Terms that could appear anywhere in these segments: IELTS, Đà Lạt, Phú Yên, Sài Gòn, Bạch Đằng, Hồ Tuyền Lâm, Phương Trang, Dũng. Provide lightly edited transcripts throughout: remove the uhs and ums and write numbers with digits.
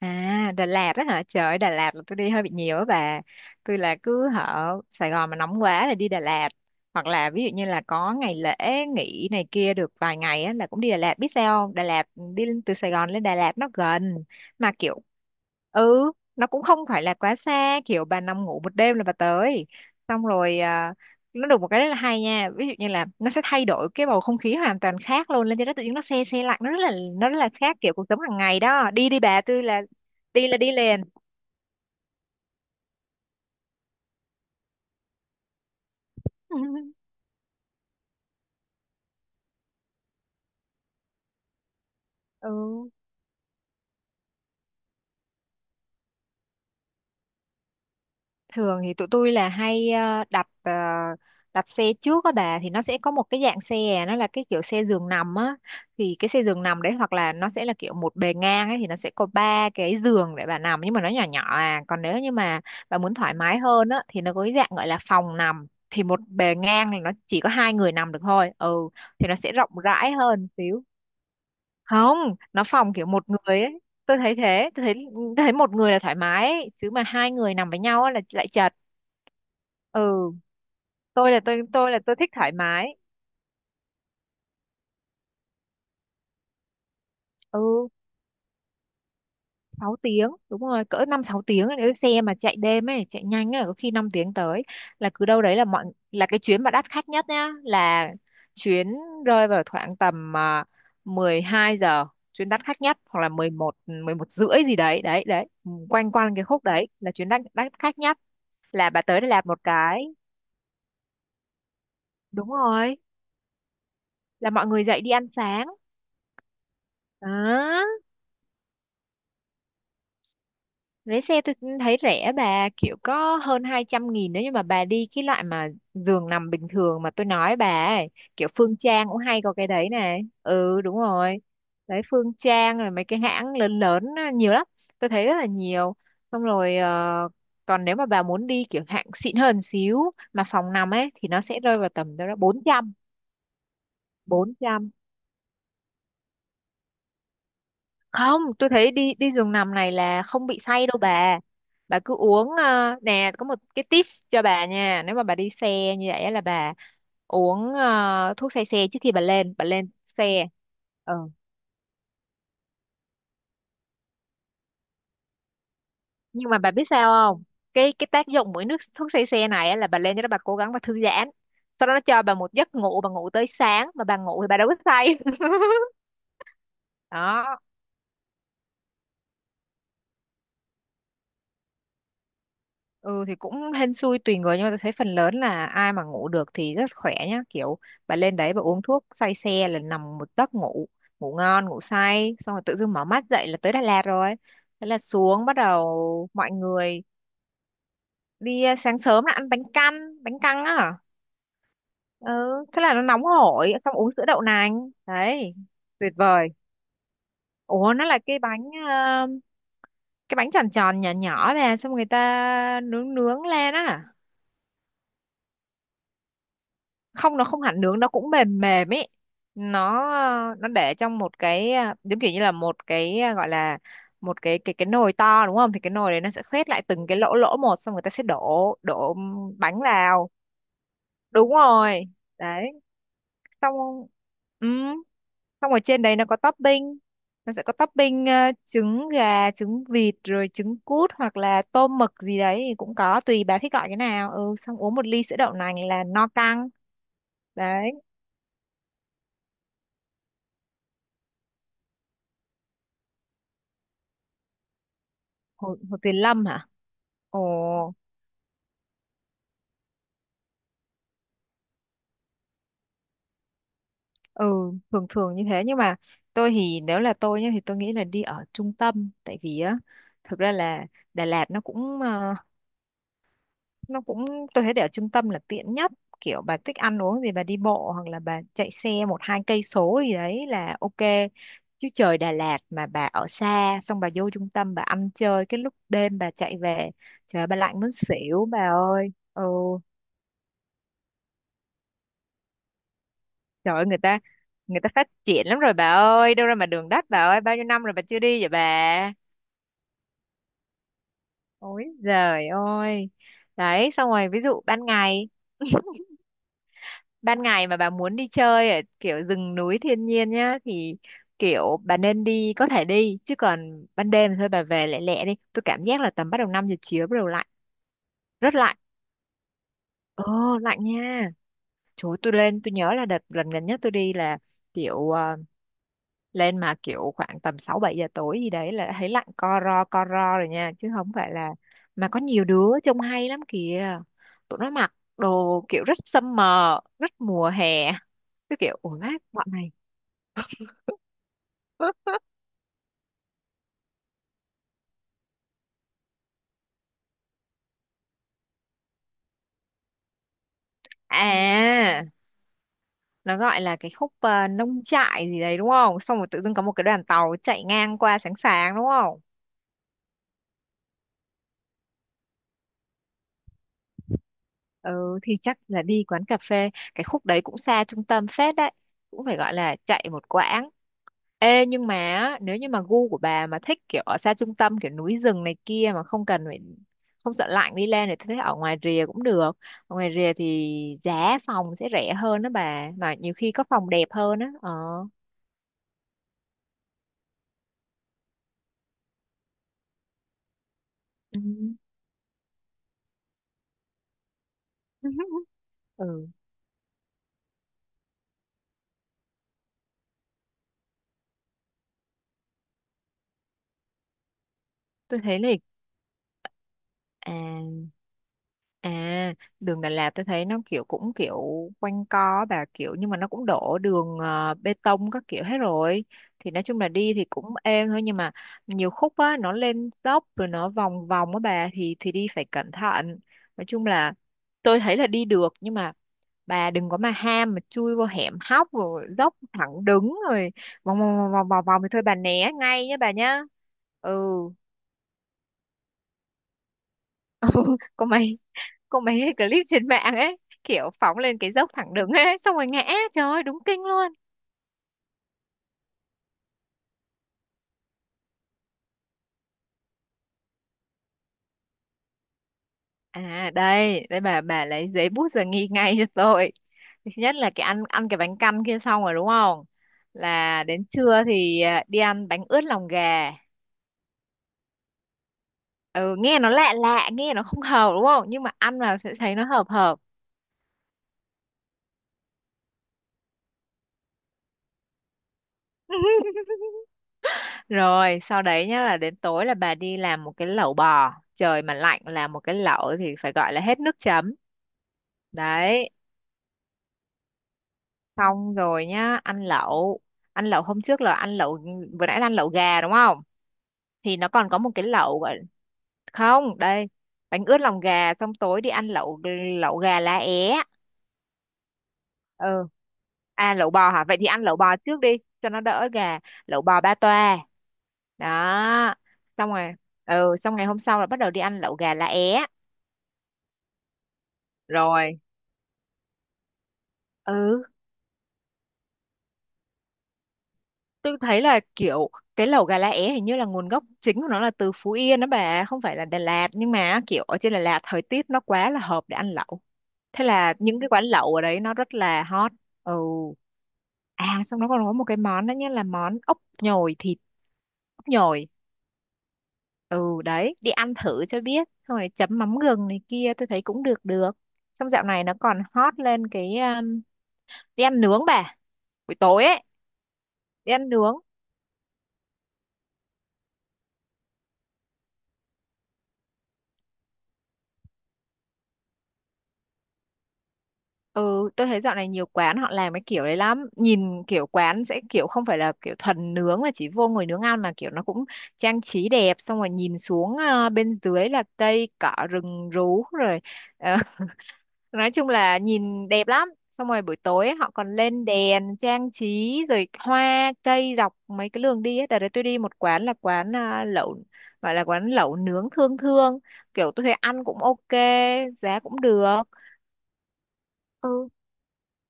À, Đà Lạt đó hả? Trời ơi, Đà Lạt là tôi đi hơi bị nhiều á bà. Tôi là cứ hở Sài Gòn mà nóng quá là đi Đà Lạt. Hoặc là ví dụ như là có ngày lễ nghỉ này kia được vài ngày á, là cũng đi Đà Lạt. Biết sao không? Đà Lạt từ Sài Gòn lên Đà Lạt nó gần. Mà kiểu nó cũng không phải là quá xa, kiểu bà nằm ngủ một đêm là bà tới xong rồi à. Nó được một cái rất là hay nha, ví dụ như là nó sẽ thay đổi cái bầu không khí hoàn toàn khác luôn, lên trên đó tự nhiên nó se se lạnh, nó rất là khác kiểu cuộc sống hàng ngày đó. Đi đi bà, tôi là đi liền. Ừ, thường thì tụi tôi là hay đặt xe trước á bà, thì nó sẽ có một cái dạng xe à, nó là cái kiểu xe giường nằm á. Thì cái xe giường nằm đấy, hoặc là nó sẽ là kiểu một bề ngang ấy thì nó sẽ có ba cái giường để bà nằm, nhưng mà nó nhỏ nhỏ à. Còn nếu như mà bà muốn thoải mái hơn á thì nó có cái dạng gọi là phòng nằm, thì một bề ngang này nó chỉ có hai người nằm được thôi. Ừ thì nó sẽ rộng rãi hơn xíu. Không, nó phòng kiểu một người ấy. Tôi thấy thế tôi thấy tôi thấy một người là thoải mái ấy. Chứ mà hai người nằm với nhau ấy là lại chật. Ừ tôi là tôi tôi là tôi thích thoải mái. Ừ, 6 tiếng đúng rồi, cỡ 5 6 tiếng. Nếu xe mà chạy đêm ấy chạy nhanh ấy có khi 5 tiếng tới. Là cứ đâu đấy, là cái chuyến mà đắt khách nhất nhá, là chuyến rơi vào khoảng tầm uh, 12 giờ, chuyến đắt khách nhất, hoặc là 11 11 rưỡi gì đấy, đấy đấy. Ừ, quanh quanh cái khúc đấy là chuyến đắt đắt khách nhất, là bà tới để làm một cái. Đúng rồi, là mọi người dậy đi ăn sáng đó. Vé xe tôi thấy rẻ bà, kiểu có hơn 200.000 nữa, nhưng mà bà đi cái loại mà giường nằm bình thường mà tôi nói bà ấy. Kiểu Phương Trang cũng hay có cái đấy này. Ừ, đúng rồi, đấy, Phương Trang rồi mấy cái hãng lớn lớn á, nhiều lắm, tôi thấy rất là nhiều. Xong rồi còn nếu mà bà muốn đi kiểu hạng xịn hơn xíu, mà phòng nằm ấy thì nó sẽ rơi vào tầm đâu đó 400. 400. Không, tôi thấy đi đi giường nằm này là không bị say đâu bà. Bà cứ uống nè, có một cái tips cho bà nha, nếu mà bà đi xe như vậy á là bà uống thuốc say xe trước khi bà lên xe. Ừ. Nhưng mà bà biết sao không, cái tác dụng của nước thuốc say xe này á là bà lên cho đó bà cố gắng bà thư giãn, sau đó nó cho bà một giấc ngủ, bà ngủ tới sáng, mà bà ngủ thì bà đâu có say. Đó. Ừ thì cũng hên xui tùy người, nhưng mà tôi thấy phần lớn là ai mà ngủ được thì rất khỏe nhá, kiểu bà lên đấy bà uống thuốc say xe là nằm một giấc ngủ ngủ ngon ngủ say, xong rồi tự dưng mở mắt dậy là tới Đà Lạt rồi, thế là xuống, bắt đầu mọi người đi à, sáng sớm là ăn bánh căn, bánh căn á. Ừ, thế là nó nóng hổi xong uống sữa đậu nành, đấy, tuyệt vời. Ủa, nó là cái bánh tròn tròn nhỏ nhỏ, về xong người ta nướng nướng lên á. Không, nó không hẳn nướng, nó cũng mềm mềm ấy. Nó để trong một cái giống kiểu như là một cái gọi là một cái nồi to đúng không, thì cái nồi đấy nó sẽ khoét lại từng cái lỗ lỗ một, xong người ta sẽ đổ đổ bánh vào. Đúng rồi, đấy. Xong. ừ. Xong ở trên đấy nó có topping, nó sẽ có topping trứng gà trứng vịt rồi trứng cút, hoặc là tôm mực gì đấy thì cũng có, tùy bà thích gọi cái nào. Ừ Xong uống một ly sữa đậu nành là no căng đấy. Hồ Tuyền Lâm hả? Ồ, ừ, thường thường như thế, nhưng mà tôi thì nếu là tôi nhá thì tôi nghĩ là đi ở trung tâm, tại vì á thực ra là Đà Lạt nó cũng ờ, nó cũng tôi thấy để ở trung tâm là tiện nhất. Kiểu bà thích ăn uống gì bà đi bộ, hoặc là bà chạy xe một hai cây số gì đấy là ok. Chứ trời Đà Lạt mà bà ở xa, xong bà vô trung tâm bà ăn chơi cái lúc đêm bà chạy về, trời ơi, bà lạnh muốn xỉu bà ơi. Ừ Trời ơi, người ta phát triển lắm rồi bà ơi, đâu ra mà đường đất, bà ơi, bao nhiêu năm rồi bà chưa đi vậy bà? Ôi giời ơi. Đấy, xong rồi ví dụ ban ngày mà bà muốn đi chơi ở kiểu rừng núi thiên nhiên nhá thì kiểu bà nên đi, có thể đi, chứ còn ban đêm thôi bà về lẹ lẹ đi. Tôi cảm giác là tầm bắt đầu 5 giờ chiều bắt đầu lạnh, rất lạnh. Ờ, lạnh nha. Trời ơi, tôi lên tôi nhớ là đợt lần gần nhất tôi đi là kiểu lên mà kiểu khoảng tầm 6 7 giờ tối gì đấy là thấy lạnh co ro rồi nha, chứ không phải là. Mà có nhiều đứa trông hay lắm kìa, tụi nó mặc đồ kiểu rất summer, rất mùa hè, cái kiểu ủa mát bọn này. À, nó gọi là cái khúc nông trại gì đấy đúng không, xong rồi tự dưng có một cái đoàn tàu chạy ngang qua sáng sáng đúng không. Ừ thì chắc là đi quán cà phê, cái khúc đấy cũng xa trung tâm phết đấy, cũng phải gọi là chạy một quãng. Ê, nhưng mà á, nếu như mà gu của bà mà thích kiểu ở xa trung tâm kiểu núi rừng này kia mà không cần phải không sợ lạnh đi lên thì tôi thấy ở ngoài rìa cũng được. Ở ngoài rìa thì giá phòng sẽ rẻ hơn đó bà, mà nhiều khi có phòng đẹp hơn á. Ờ ừ. ừ tôi thấy là à À, đường Đà Lạt tôi thấy nó kiểu cũng kiểu quanh co bà, kiểu nhưng mà nó cũng đổ đường bê tông các kiểu hết rồi. Thì nói chung là đi thì cũng êm thôi, nhưng mà nhiều khúc á nó lên dốc rồi nó vòng vòng á bà, thì đi phải cẩn thận. Nói chung là tôi thấy là đi được, nhưng mà bà đừng có mà ham mà chui vô hẻm hóc rồi dốc thẳng đứng rồi vòng vòng vòng vòng vòng thì thôi bà né ngay nhé bà nhá. Ừ, có mấy có mấy cái clip trên mạng ấy, kiểu phóng lên cái dốc thẳng đứng ấy xong rồi ngã, trời ơi đúng kinh luôn. À, đây đây, bà lấy giấy bút ra ghi ngay cho tôi. Thứ nhất là cái ăn ăn cái bánh căn kia xong rồi đúng không, là đến trưa thì đi ăn bánh ướt lòng gà. Ừ, nghe nó lạ lạ, nghe nó không hợp đúng không, nhưng mà ăn vào sẽ thấy nó hợp hợp. Rồi sau đấy nhá là đến tối là bà đi làm một cái lẩu bò, trời mà lạnh làm một cái lẩu thì phải gọi là hết nước chấm đấy. Xong rồi nhá ăn lẩu hôm trước là ăn lẩu, vừa nãy là ăn lẩu gà đúng không, thì nó còn có một cái lẩu gọi. Không, đây, bánh ướt lòng gà xong tối đi ăn lẩu lẩu gà lá é. Ừ, à, lẩu bò hả, vậy thì ăn lẩu bò trước đi cho nó đỡ gà, lẩu bò ba toa đó. Xong rồi, xong ngày hôm sau là bắt đầu đi ăn lẩu gà lá é rồi. Ừ, tôi thấy là kiểu cái lẩu gà lá é hình như là nguồn gốc chính của nó là từ Phú Yên đó bà, không phải là Đà Lạt, nhưng mà kiểu ở trên Đà Lạt thời tiết nó quá là hợp để ăn lẩu, thế là những cái quán lẩu ở đấy nó rất là hot ừ À, xong nó còn có một cái món nữa nhé, là món ốc nhồi thịt. Ốc nhồi. Ừ, đấy, đi ăn thử cho biết, xong rồi chấm mắm gừng này kia, tôi thấy cũng được được. Xong dạo này nó còn hot lên cái đi ăn nướng bà. Buổi tối ấy, đi ăn nướng. Ừ, tôi thấy dạo này nhiều quán họ làm cái kiểu đấy lắm. Nhìn kiểu quán sẽ kiểu không phải là kiểu thuần nướng mà chỉ vô ngồi nướng ăn, mà kiểu nó cũng trang trí đẹp, xong rồi nhìn xuống bên dưới là cây cỏ rừng rú rồi. ờ, nói chung là nhìn đẹp lắm. Xong rồi buổi tối ấy, họ còn lên đèn trang trí, rồi hoa cây dọc mấy cái đường đi ấy. Đợt đấy tôi đi một quán là quán lẩu, gọi là quán lẩu nướng thương thương, kiểu tôi thấy ăn cũng ok, giá cũng được. Ừ.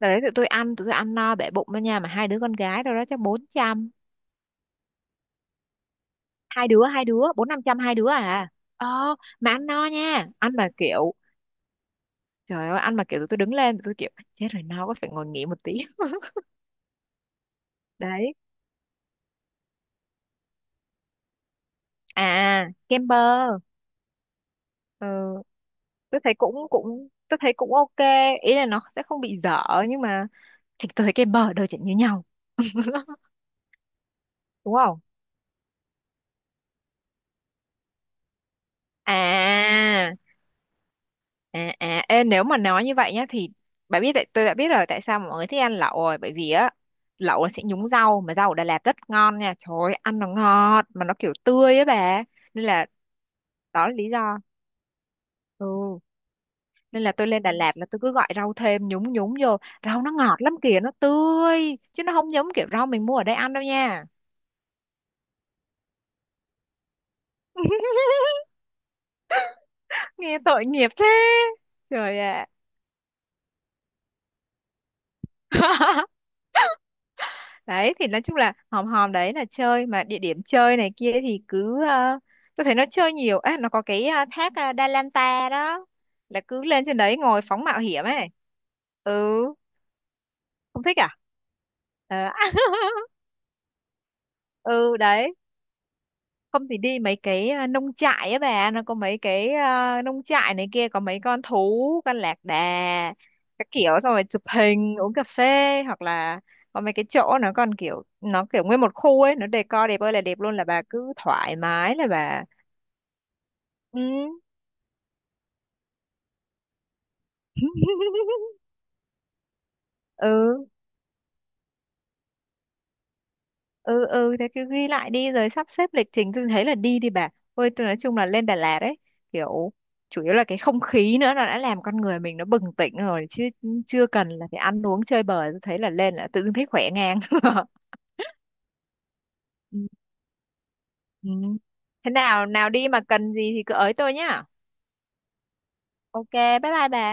Đợt đấy tụi tôi ăn no bể bụng đó nha. Mà hai đứa con gái, đâu đó chắc 400. Hai đứa, 400-500 hai đứa à. Ờ, mà ăn no nha. Ăn mà kiểu, trời ơi, ăn mà kiểu tụi tôi đứng lên. Tụi tôi kiểu, chết rồi, no quá phải ngồi nghỉ một tí. Đấy. À, kem bơ. Ừ, tôi thấy cũng, tôi thấy cũng ok. Ý là nó sẽ không bị dở. Nhưng mà, thì tôi thấy kem bơ ở đâu chẳng như nhau. Đúng không? À, à, ê, nếu mà nói như vậy nhá thì bạn biết, tại tôi đã biết rồi tại sao mà mọi người thích ăn lẩu rồi. Bởi vì á, lẩu là sẽ nhúng rau, mà rau ở Đà Lạt rất ngon nha, trời ơi, ăn nó ngọt mà nó kiểu tươi á bà. Nên là, đó là lý do. Ừ, nên là tôi lên Đà Lạt là tôi cứ gọi rau thêm nhúng nhúng vô. Rau nó ngọt lắm kìa, nó tươi chứ nó không giống kiểu rau mình mua ở đây ăn đâu nha. Nghe tội nghiệp thế, trời ạ. Đấy thì nói chung là hòm hòm đấy là chơi. Mà địa điểm chơi này kia thì cứ tôi thấy nó chơi nhiều á. Nó có cái thác Đa Lan Ta đó, là cứ lên trên đấy ngồi phóng mạo hiểm ấy. Ừ, không thích à. Ờ, ừ đấy, không thì đi mấy cái nông trại á bà. Nó có mấy cái nông trại này kia, có mấy con thú con lạc đà các kiểu, xong rồi chụp hình uống cà phê, hoặc là có mấy cái chỗ nó còn kiểu nó kiểu nguyên một khu ấy, nó decor đẹp ơi là đẹp luôn, là bà cứ thoải mái là bà. Ừ. Ừ, ừ, ừ, thế cứ ghi lại đi rồi sắp xếp lịch trình, tôi thấy là đi đi bà. Ôi, tôi nói chung là lên Đà Lạt ấy, kiểu chủ yếu là cái không khí nữa, nó đã làm con người mình nó bừng tỉnh rồi chứ chưa cần là phải ăn uống chơi bời. Tôi thấy là lên là tự dưng thấy khỏe ngang. Ừ. Ừ. Thế nào nào đi mà cần gì thì cứ ới tôi nhá. Ok, bye bye bà.